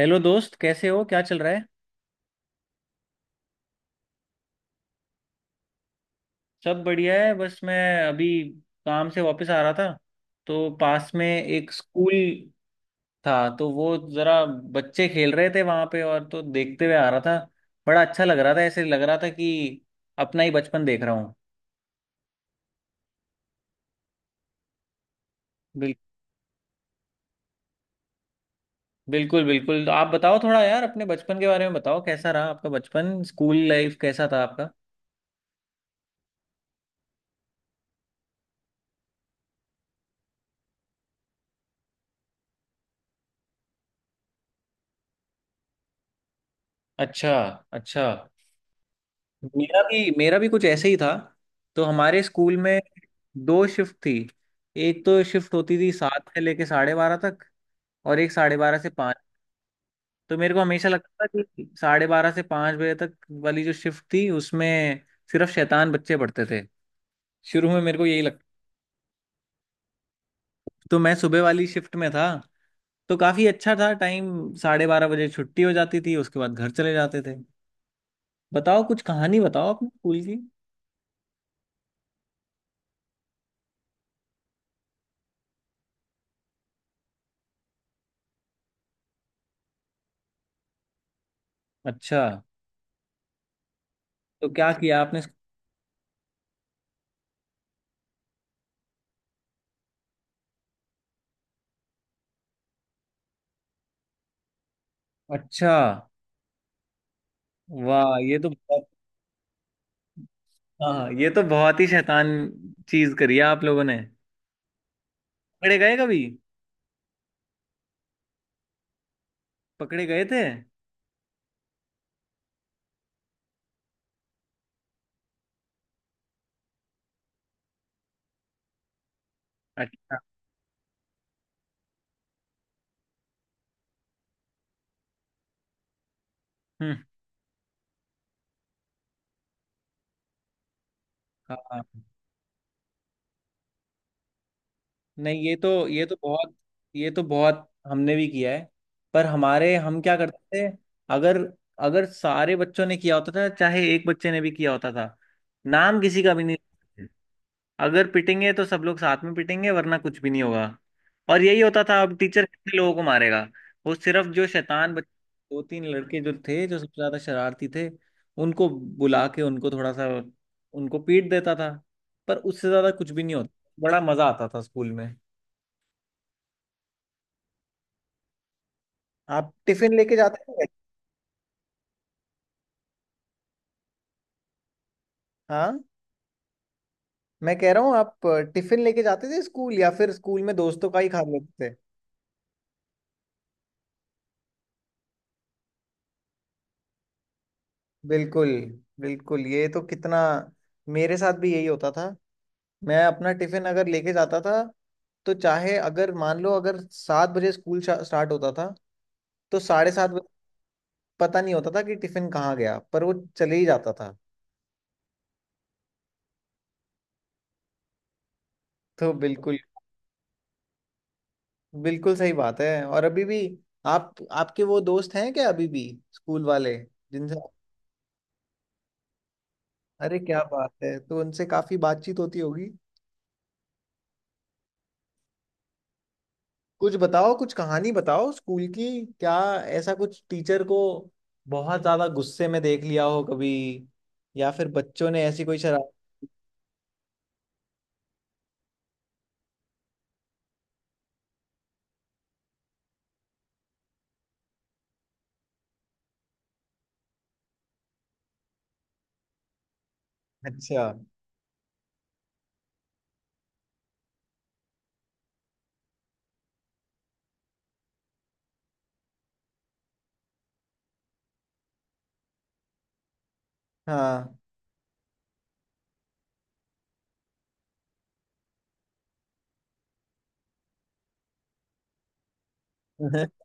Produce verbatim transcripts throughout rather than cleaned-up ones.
Hello दोस्त, कैसे हो? क्या चल रहा है? सब बढ़िया है। बस मैं अभी काम से वापस आ रहा था, तो पास में एक स्कूल था, तो वो ज़रा बच्चे खेल रहे थे वहाँ पे, और तो देखते हुए आ रहा था। बड़ा अच्छा लग रहा था, ऐसे लग रहा था कि अपना ही बचपन देख रहा हूँ। बिल, बिल्कुल बिल्कुल। तो आप बताओ थोड़ा यार, अपने बचपन के बारे में बताओ। कैसा रहा आपका बचपन? स्कूल लाइफ कैसा था आपका? अच्छा। अच्छा। मेरा भी मेरा भी कुछ ऐसे ही था। तो हमारे स्कूल में दो शिफ्ट थी। एक तो शिफ्ट होती थी सात से लेके साढ़े बारह तक, और एक साढ़े बारह से पाँच। तो मेरे को हमेशा लगता था कि साढ़े बारह से पाँच बजे तक वाली जो शिफ्ट थी उसमें सिर्फ शैतान बच्चे पढ़ते थे, शुरू में मेरे को यही लगता। तो मैं सुबह वाली शिफ्ट में था, तो काफी अच्छा था टाइम। साढ़े बारह बजे छुट्टी हो जाती थी, उसके बाद घर चले जाते थे। बताओ कुछ कहानी बताओ अपने स्कूल की। अच्छा, तो क्या किया आपने? अच्छा, वाह, ये तो बहुत। हाँ, ये तो बहुत ही शैतान चीज करी है आप लोगों ने। पकड़े गए कभी? पकड़े गए थे? अच्छा। हम्म। हाँ। नहीं, ये तो ये तो बहुत ये तो बहुत हमने भी किया है। पर हमारे, हम क्या करते थे, अगर अगर सारे बच्चों ने किया होता था, चाहे एक बच्चे ने भी किया होता था, नाम किसी का भी नहीं। अगर पिटेंगे तो सब लोग साथ में पिटेंगे, वरना कुछ भी नहीं होगा। और यही होता था, अब टीचर कितने लोगों को मारेगा। वो सिर्फ जो शैतान बच- दो तीन लड़के जो थे, जो सबसे ज्यादा शरारती थे, उनको बुला के, उनको थोड़ा सा, उनको पीट देता था। पर उससे ज्यादा कुछ भी नहीं होता। बड़ा मजा आता था स्कूल में। आप टिफिन लेके जाते थे? हाँ, मैं कह रहा हूँ, आप टिफिन लेके जाते थे स्कूल, या फिर स्कूल में दोस्तों का ही खा लेते थे? बिल्कुल बिल्कुल, ये तो कितना। मेरे साथ भी यही होता था। मैं अपना टिफिन अगर लेके जाता था, तो चाहे अगर मान लो, अगर सात बजे स्कूल स्टार्ट होता था तो साढ़े सात बजे पता नहीं होता था कि टिफिन कहाँ गया, पर वो चले ही जाता था। तो बिल्कुल, बिल्कुल सही बात है। और अभी भी, आप, आपके वो दोस्त हैं क्या अभी भी, स्कूल वाले जिनसे? अरे क्या बात है! तो उनसे काफी बातचीत होती होगी। कुछ बताओ, कुछ कहानी बताओ स्कूल की। क्या ऐसा कुछ टीचर को बहुत ज्यादा गुस्से में देख लिया हो कभी, या फिर बच्चों ने ऐसी कोई शराब। अच्छा। हाँ।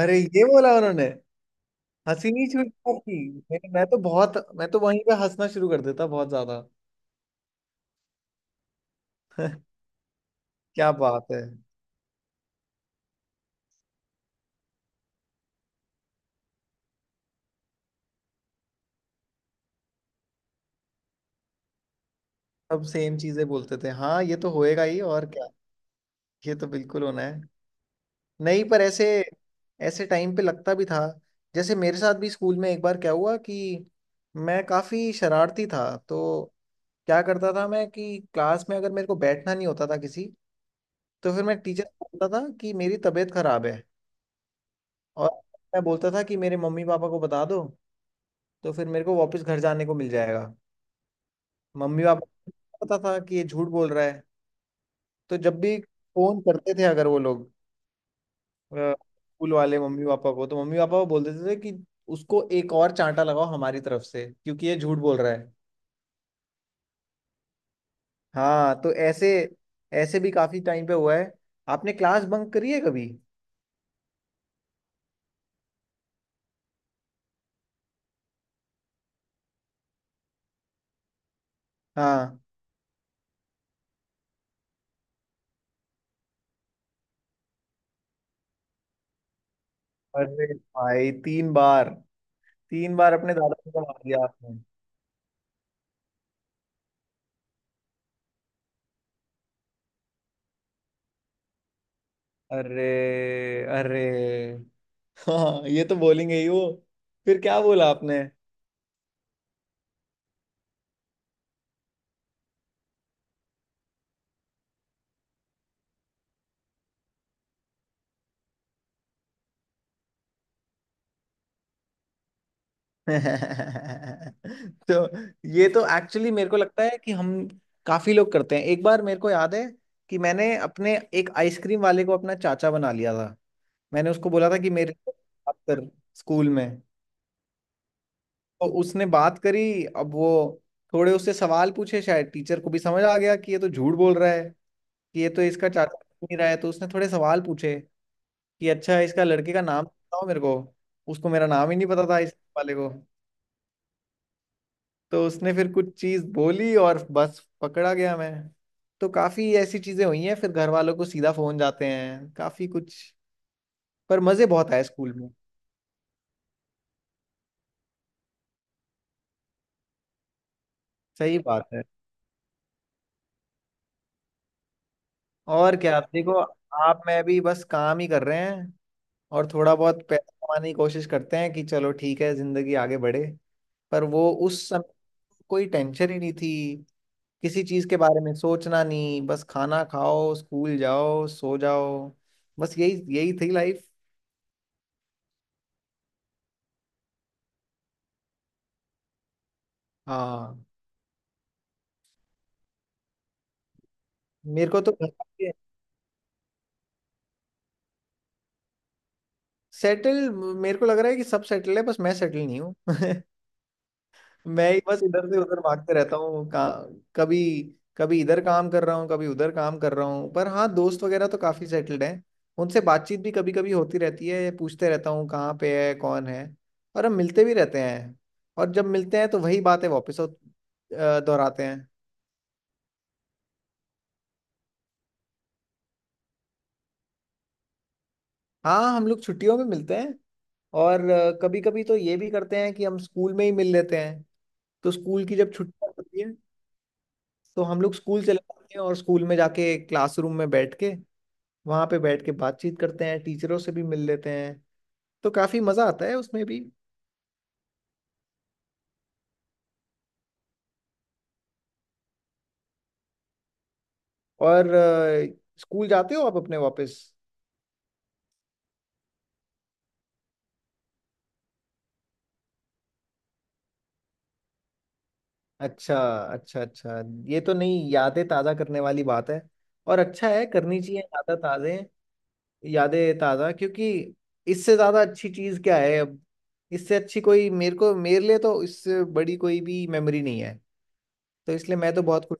अरे ये बोला उन्होंने? हंसी नहीं छूटती आपकी? मैं मैं तो बहुत मैं तो वहीं पे हंसना शुरू कर देता बहुत ज्यादा। क्या बात है। सब सेम चीजें बोलते थे, हाँ, ये तो होएगा ही, और क्या। ये तो बिल्कुल होना है। नहीं, पर ऐसे ऐसे टाइम पे लगता भी था। जैसे मेरे साथ भी स्कूल में एक बार क्या हुआ कि मैं काफ़ी शरारती था, तो क्या करता था मैं कि क्लास में अगर मेरे को बैठना नहीं होता था किसी, तो फिर मैं टीचर को बोलता था कि मेरी तबीयत खराब है, और मैं बोलता था कि मेरे मम्मी पापा को बता दो, तो फिर मेरे को वापस घर जाने को मिल जाएगा। मम्मी पापा को पता था कि ये झूठ बोल रहा है, तो जब भी फोन करते थे अगर वो लोग, स्कूल वाले, मम्मी पापा को, तो मम्मी पापा को बोल देते थे कि उसको एक और चांटा लगाओ हमारी तरफ से, क्योंकि ये झूठ बोल रहा है। हाँ, तो ऐसे ऐसे भी काफी टाइम पे हुआ है। आपने क्लास बंक करी है कभी? हाँ। अरे भाई, तीन बार? तीन बार अपने दादाजी को मार दिया आपने? अरे, अरे, हाँ, ये तो बोलेंगे ही वो। फिर क्या बोला आपने? तो ये तो एक्चुअली मेरे को लगता है कि हम, काफी लोग करते हैं। एक बार मेरे को याद है कि मैंने अपने एक आइसक्रीम वाले को अपना चाचा बना लिया था। मैंने उसको बोला था कि मेरे को बात कर स्कूल में। तो उसने बात करी, अब वो, थोड़े उससे सवाल पूछे, शायद टीचर को भी समझ आ गया कि ये तो झूठ बोल रहा है, कि ये तो इसका चाचा नहीं रहा है। तो उसने थोड़े सवाल पूछे कि अच्छा, इसका लड़के का नाम बताओ मेरे को। उसको मेरा नाम ही नहीं पता था, इस वाले को। तो उसने फिर कुछ चीज बोली और बस पकड़ा गया मैं। तो काफी ऐसी चीजें हुई हैं, फिर घर वालों को सीधा फोन जाते हैं, काफी कुछ। पर मजे बहुत आए स्कूल में। सही बात है, और क्या। आप देखो, आप मैं भी बस काम ही कर रहे हैं, और थोड़ा बहुत पैसा कमाने की कोशिश करते हैं कि चलो ठीक है, जिंदगी आगे बढ़े। पर वो उस समय कोई टेंशन ही नहीं थी। किसी चीज के बारे में सोचना नहीं, बस खाना खाओ, स्कूल जाओ, सो जाओ। बस यही यही थी लाइफ। हाँ। मेरे को तो, सेटल मेरे को लग रहा है कि सब सेटल है, बस मैं सेटल नहीं हूँ। मैं ही बस इधर से उधर भागते रहता हूँ, का- कभी, कभी इधर काम कर रहा हूँ, कभी उधर काम कर रहा हूँ। पर हाँ, दोस्त वगैरह तो काफी सेटल्ड हैं। उनसे बातचीत भी कभी कभी होती रहती है, पूछते रहता हूँ कहाँ पे है कौन है। और हम मिलते भी रहते हैं, और जब मिलते हैं तो वही बातें वापस हो- अ, दोहराते हैं। हाँ, हम लोग छुट्टियों में मिलते हैं। और कभी कभी तो ये भी करते हैं कि हम स्कूल में ही मिल लेते हैं। तो स्कूल की जब छुट्टियां होती है तो हम लोग स्कूल चले जाते हैं, और स्कूल में जाके क्लासरूम में बैठ के, वहां पे बैठ के बातचीत करते हैं, टीचरों से भी मिल लेते हैं। तो काफी मजा आता है उसमें भी। और अ, स्कूल जाते हो आप अपने वापस? अच्छा, अच्छा, अच्छा। ये तो नहीं, यादें ताज़ा करने वाली बात है, और अच्छा है, करनी चाहिए यादा ताज़े, यादें ताज़ा, क्योंकि इससे ज़्यादा अच्छी चीज़ क्या है अब? इससे अच्छी कोई, मेरे को, मेरे लिए तो इससे बड़ी कोई भी मेमोरी नहीं है, तो इसलिए मैं तो बहुत खुश।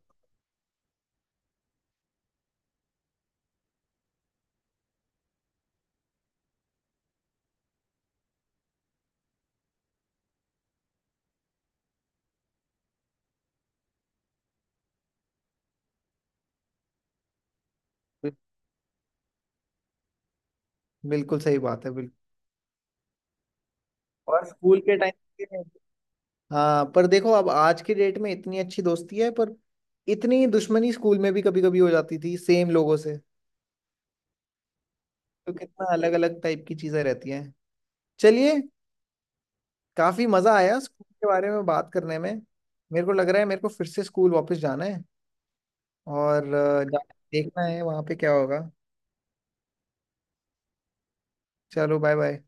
बिल्कुल सही बात है, बिल्कुल। और स्कूल के टाइम, हाँ, पर देखो अब आज की डेट में इतनी अच्छी दोस्ती है, पर इतनी दुश्मनी स्कूल में भी कभी कभी हो जाती थी सेम लोगों से। तो कितना अलग अलग टाइप की चीजें रहती हैं। चलिए, काफी मजा आया स्कूल के बारे में बात करने में। मेरे को लग रहा है मेरे को फिर से स्कूल वापस जाना है, और अ, जाके देखना है वहां पे क्या होगा। चलो, बाय बाय।